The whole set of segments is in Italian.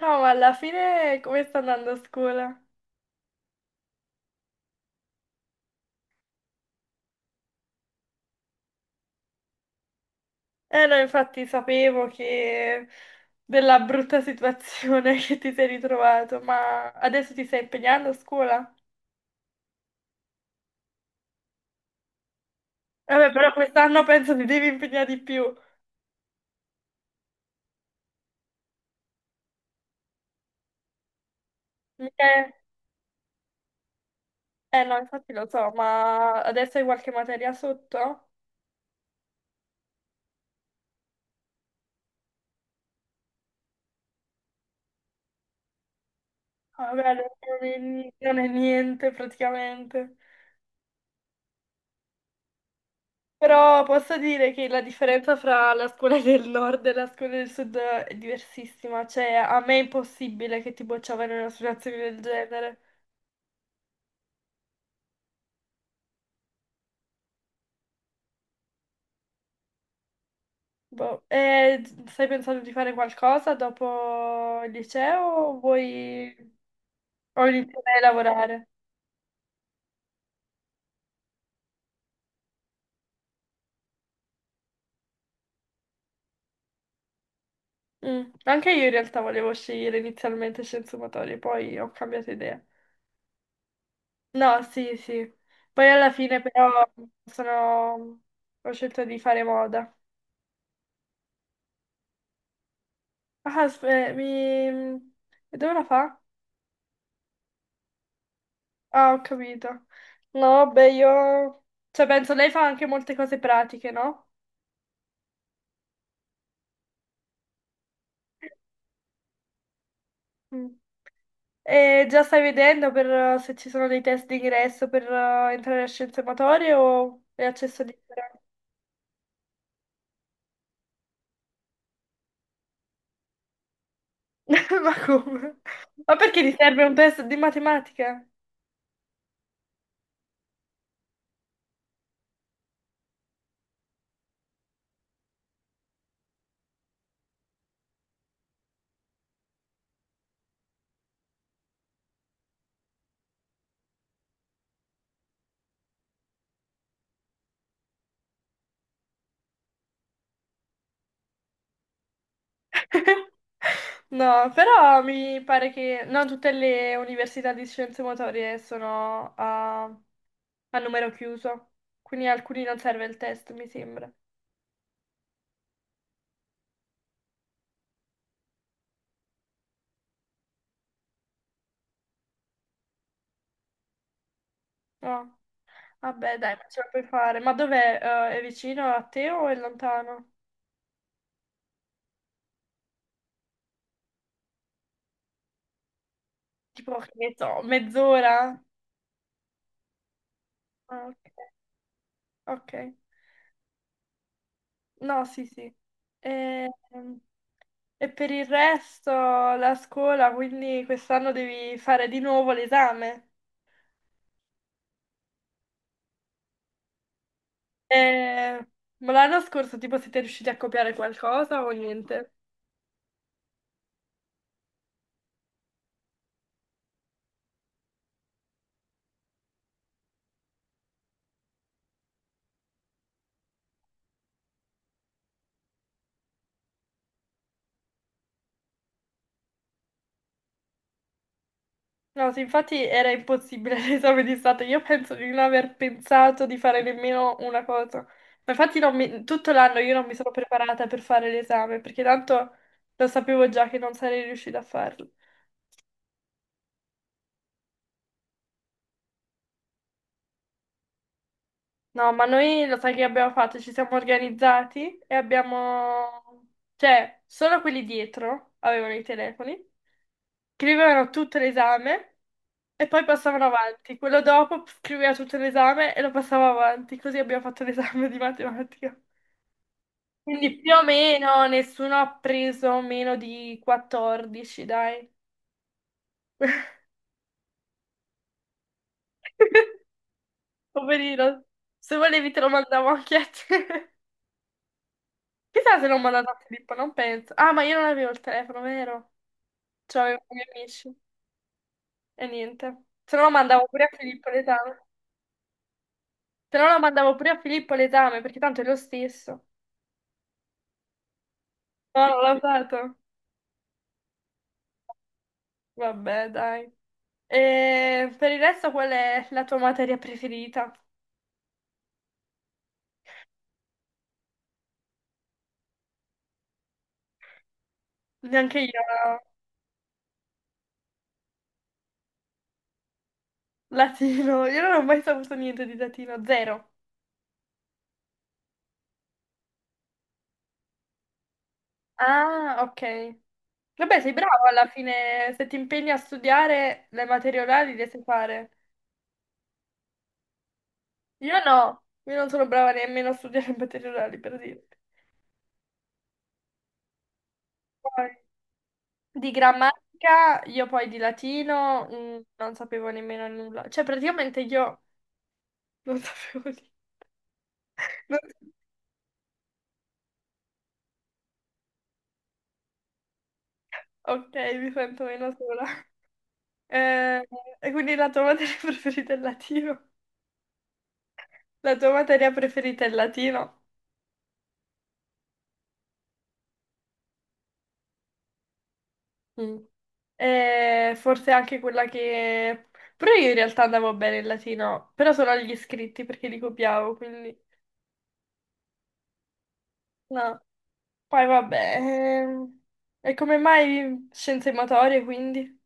No, ma alla fine come sta andando a scuola? Eh no, infatti sapevo che della brutta situazione che ti sei ritrovato, ma adesso ti stai impegnando a scuola? Vabbè, però quest'anno penso ti devi impegnare di più. Mica è- Eh no, infatti lo so, ma adesso hai qualche materia sotto? Ah, vabbè, allora non è niente praticamente. Però posso dire che la differenza fra la scuola del nord e la scuola del sud è diversissima, cioè a me è impossibile che ti bocciavano in una situazione del genere. Boh. E stai pensando di fare qualcosa dopo il liceo o vuoi o iniziare a lavorare? Mm. Anche io in realtà volevo scegliere inizialmente scienze motorie, poi ho cambiato idea. No, sì, sì. Poi alla fine però sono... ho scelto di fare moda. Ah, s- eh, mi... E dove la fa? Ah, ho capito. No, beh, io... Cioè, penso lei fa anche molte cose pratiche, no? Mm. E già stai vedendo per, se ci sono dei test d'ingresso per entrare a scienze motorie o è accesso di... Ma come? Ma perché ti serve un test di matematica? No, però mi pare che non tutte le università di scienze motorie sono a numero chiuso, quindi a alcuni non serve il test, mi sembra. No. Vabbè, dai, ma ce la puoi fare. Ma dov'è? È vicino a te o è lontano? Tipo, che ne so, mezz'ora? Ah, ok. Ok. No, sì, sì. E, e per il resto la scuola, quindi quest'anno devi fare di nuovo l'esame. Eh, ma l'anno scorso, tipo, siete riusciti a copiare qualcosa o niente? No, sì, infatti era impossibile l'esame di Stato. Io penso di non aver pensato di fare nemmeno una cosa. Ma infatti non mi- tutto l'anno io non mi sono preparata per fare l'esame, perché tanto lo sapevo già che non sarei riuscita a farlo. No, ma noi lo sai che abbiamo fatto? Ci siamo organizzati e abbiamo... Cioè, solo quelli dietro avevano i telefoni. Scrivevano tutto l'esame e poi passavano avanti. Quello dopo scriveva tutto l'esame e lo passava avanti. Così abbiamo fatto l'esame di matematica. Quindi più o meno nessuno ha preso meno di 14, dai. Poverino. Se volevi te lo mandavo anche a te. Chissà se l'ho mandato a Filippo, non penso. Ah, ma io non avevo il telefono, vero? Cioè, avevo i miei amici. E niente. Se no lo mandavo pure a Filippo l'esame. Se no lo mandavo pure a Filippo l'esame, perché tanto è lo stesso. No, l'ho dato. Vabbè, dai. E per il resto, qual è la tua materia preferita? Neanche io, latino. Io non ho mai saputo niente di latino, zero. Ah, ok. Vabbè, sei bravo alla fine, se ti impegni a studiare le materie orali le sai fare. Io no, io non sono brava nemmeno a studiare le materie orali, per dire. Poi, di grammatica, io poi di latino, non sapevo nemmeno nulla. Cioè, praticamente io non sapevo niente. Ok, mi sento meno sola. Eh, e quindi la tua materia preferita è il latino? La tua materia preferita è il latino? Mm. E forse anche quella che... Però io in realtà andavo bene il latino, però solo agli iscritti perché li copiavo, quindi... No. Poi vabbè... e come mai scienze motorie, quindi?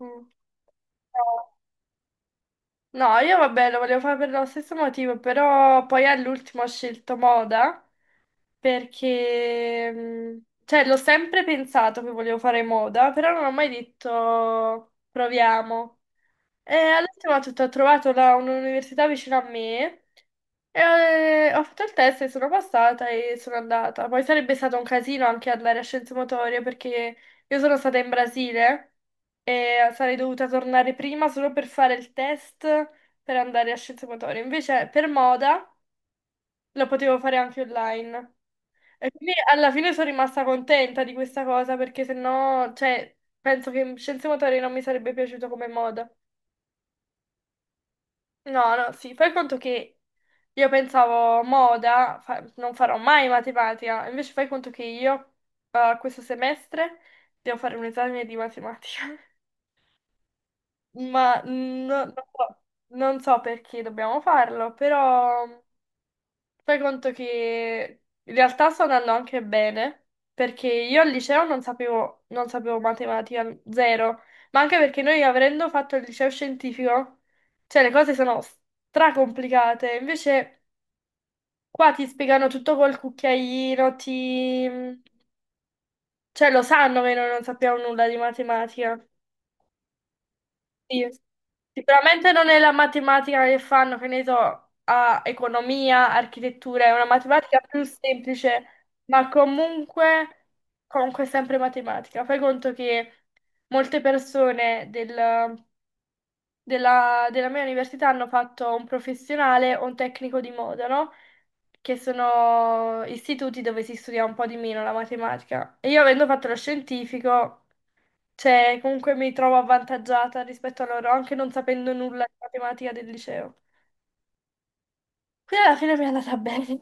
Mm. No. No, io vabbè, lo volevo fare per lo stesso motivo, però poi all'ultimo ho scelto moda perché, cioè, l'ho sempre pensato che volevo fare moda, però non ho mai detto proviamo. E all'ultimo ho trovato un'università vicino a me e ho fatto il test e sono passata e sono andata. Poi sarebbe stato un casino anche andare a Scienze Motorie perché io sono stata in Brasile e sarei dovuta tornare prima solo per fare il test per andare a Scienze Motorie. Invece per moda lo potevo fare anche online. E quindi alla fine sono rimasta contenta di questa cosa perché sennò, cioè, penso che Scienze Motorie non mi sarebbe piaciuto come moda. No, no, sì, fai conto che io pensavo moda, non farò mai matematica, invece fai conto che io questo semestre devo fare un esame di matematica, non so, non so perché dobbiamo farlo, però fai conto che in realtà sto andando anche bene, perché io al liceo non sapevo, non sapevo matematica zero, ma anche perché noi avendo fatto il liceo scientifico, cioè le cose sono stracomplicate, invece... Qua ti spiegano tutto col cucchiaino, ti... cioè lo sanno che noi non sappiamo nulla di matematica. Sì. Sicuramente non è la matematica che fanno, che ne so, a economia, architettura, è una matematica più semplice, ma comunque, comunque è sempre matematica. Fai conto che molte persone del- della, della mia università hanno fatto un professionale o un tecnico di moda, no? Che sono istituti dove si studia un po' di meno la matematica. E io avendo fatto lo scientifico, cioè, comunque mi trovo avvantaggiata rispetto a loro, anche non sapendo nulla di matematica del liceo. Quindi alla fine mi è andata bene.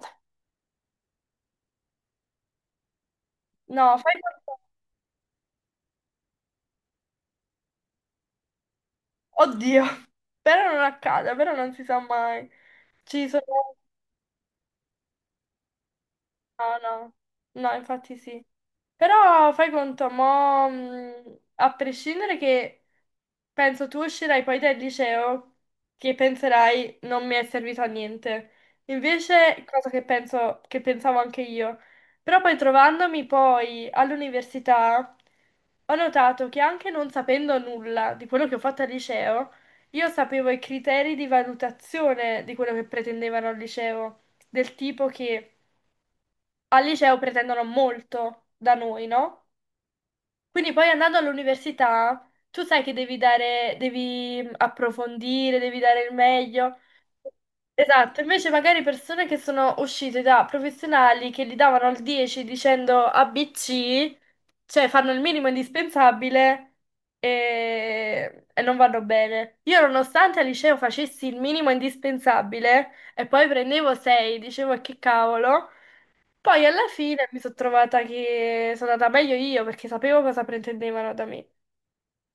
No, fai conto. Oddio, però non accada, però non si sa mai. Ci sono... No, no, no, infatti sì. Però fai conto, a prescindere che penso tu uscirai poi dal liceo che penserai non mi è servito a niente. Invece, cosa che penso, che pensavo anche io. Però poi trovandomi poi all'università, ho notato che anche non sapendo nulla di quello che ho fatto al liceo, io sapevo i criteri di valutazione di quello che pretendevano al liceo, del tipo che al liceo pretendono molto da noi, no? Quindi poi andando all'università, tu sai che devi dare, devi approfondire, devi dare il meglio. Esatto, invece magari persone che sono uscite da professionali che gli davano il 10 dicendo ABC, cioè fanno il minimo indispensabile e non vanno bene. Io nonostante al liceo facessi il minimo indispensabile e poi prendevo 6, dicevo "E che cavolo. Poi alla fine mi sono trovata che sono andata meglio io perché sapevo cosa pretendevano da me.